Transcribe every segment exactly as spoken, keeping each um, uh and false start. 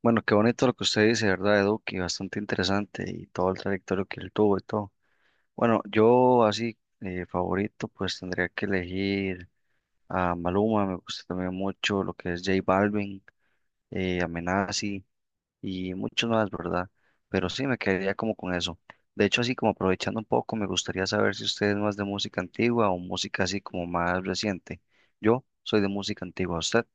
Bueno, qué bonito lo que usted dice, ¿verdad, Edu? Que bastante interesante y todo el trayectorio que él tuvo y todo. Bueno, yo así eh, favorito, pues tendría que elegir a Maluma. Me gusta también mucho lo que es J Balvin, eh, Amenazi y muchos más, ¿verdad? Pero sí, me quedaría como con eso. De hecho, así como aprovechando un poco, me gustaría saber si usted es más de música antigua o música así como más reciente. Yo soy de música antigua, ¿usted?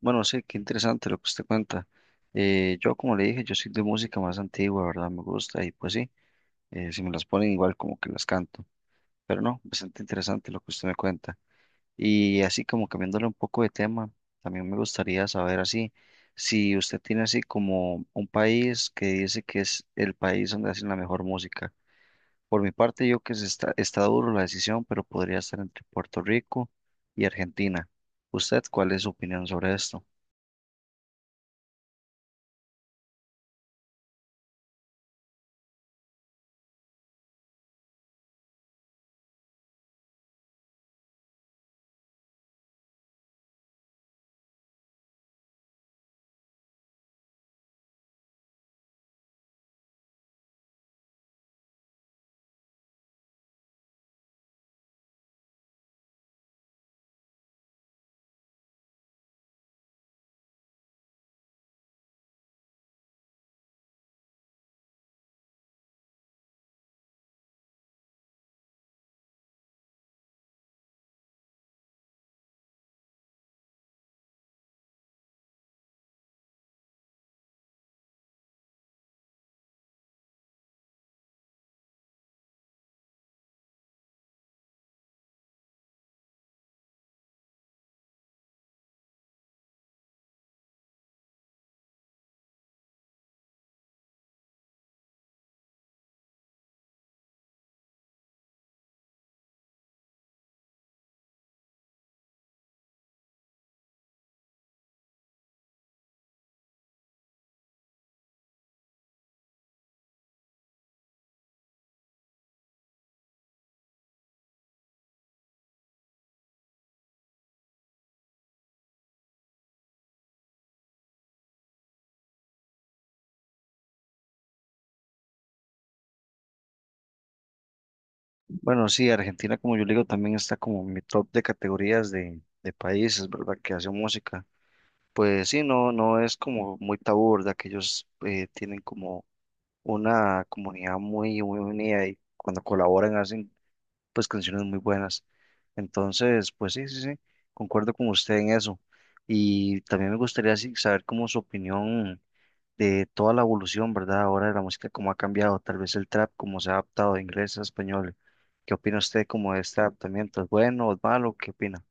Bueno, sí, qué interesante lo que usted cuenta. Eh, yo, como le dije, yo soy de música más antigua, ¿verdad? Me gusta y pues sí, eh, si me las ponen igual como que las canto. Pero no, bastante interesante lo que usted me cuenta. Y así como cambiándole un poco de tema, también me gustaría saber así, si usted tiene así como un país que dice que es el país donde hacen la mejor música. Por mi parte, yo que se está, está duro la decisión, pero podría estar entre Puerto Rico y Argentina. ¿Usted cuál es su opinión sobre esto? Bueno, sí, Argentina, como yo le digo, también está como en mi top de categorías de, de países, ¿verdad? Que hacen música. Pues sí, no, no es como muy tabú, ¿verdad? Que ellos eh, tienen como una comunidad muy, muy unida, y cuando colaboran hacen pues canciones muy buenas. Entonces, pues sí, sí, sí, concuerdo con usted en eso. Y también me gustaría sí, saber como su opinión de toda la evolución, ¿verdad? Ahora de la música, cómo ha cambiado, tal vez el trap, cómo se ha adaptado de inglés a español. ¿Qué opina usted como de este adaptamiento? ¿Es bueno o es malo? ¿Qué opina?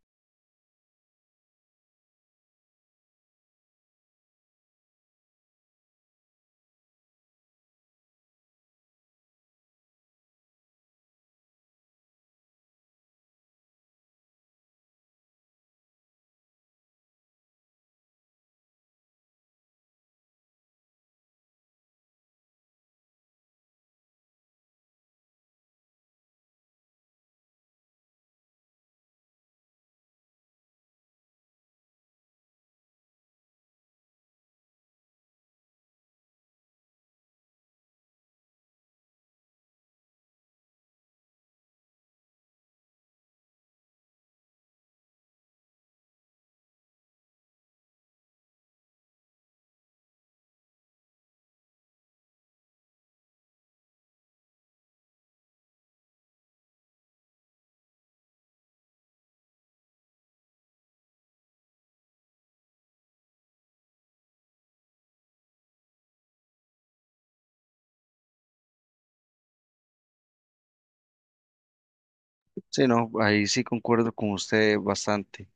Sí, no, ahí sí concuerdo con usted bastante.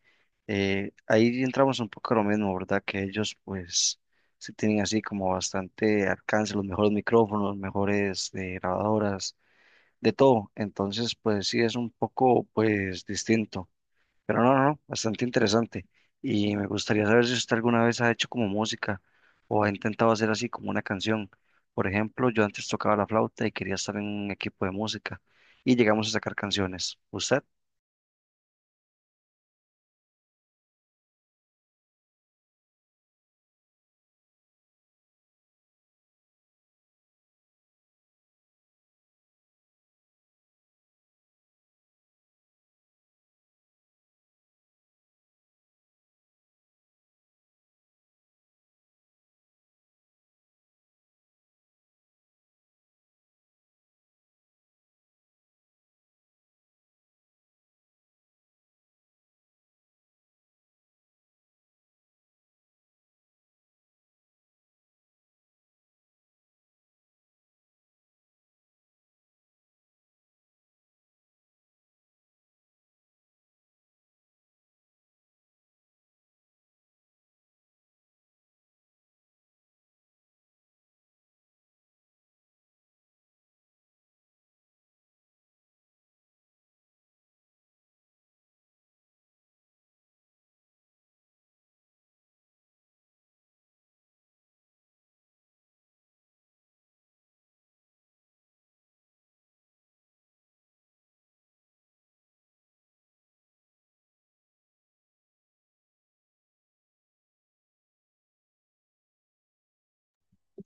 Eh, ahí entramos un poco a lo mismo, ¿verdad? Que ellos pues sí tienen así como bastante alcance, los mejores micrófonos, mejores eh, grabadoras, de todo. Entonces pues sí es un poco pues distinto. Pero no, no, no, bastante interesante. Y me gustaría saber si usted alguna vez ha hecho como música o ha intentado hacer así como una canción. Por ejemplo, yo antes tocaba la flauta y quería estar en un equipo de música y llegamos a sacar canciones. ¿Usted?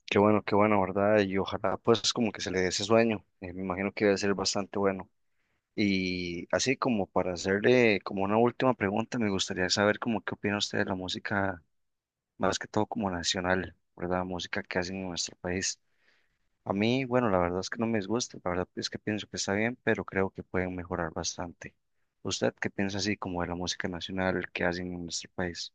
Qué bueno, qué bueno, ¿verdad? Y ojalá pues como que se le dé ese sueño. Eh, me imagino que debe ser bastante bueno. Y así como para hacerle como una última pregunta, me gustaría saber como qué opina usted de la música, más que todo como nacional, ¿verdad? Música que hacen en nuestro país. A mí, bueno, la verdad es que no me disgusta, la verdad es que pienso que está bien, pero creo que pueden mejorar bastante. ¿Usted qué piensa así como de la música nacional que hacen en nuestro país?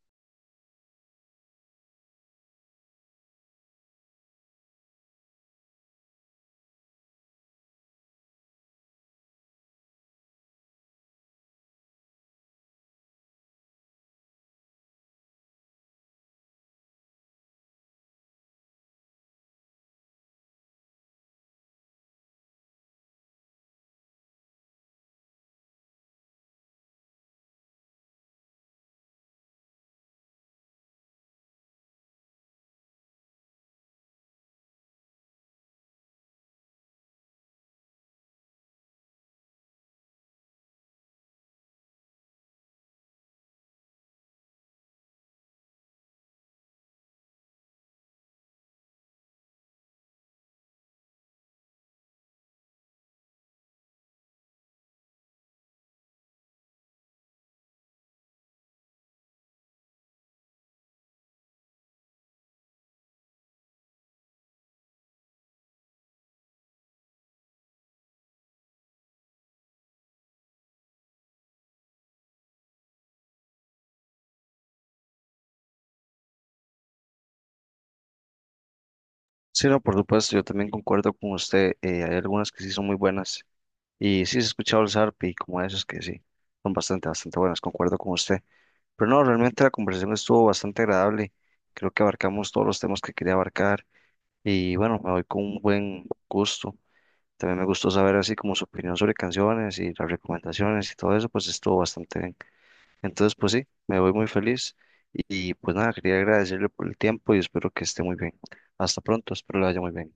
Sí, no, por supuesto, yo también concuerdo con usted. Eh, hay algunas que sí son muy buenas, y sí he escuchado el zarpe y como esas que sí, son bastante, bastante buenas, concuerdo con usted. Pero no, realmente la conversación estuvo bastante agradable, creo que abarcamos todos los temas que quería abarcar y bueno, me voy con un buen gusto. También me gustó saber así como su opinión sobre canciones y las recomendaciones y todo eso, pues estuvo bastante bien. Entonces, pues sí, me voy muy feliz y pues nada, quería agradecerle por el tiempo y espero que esté muy bien. Hasta pronto, espero le vaya muy bien.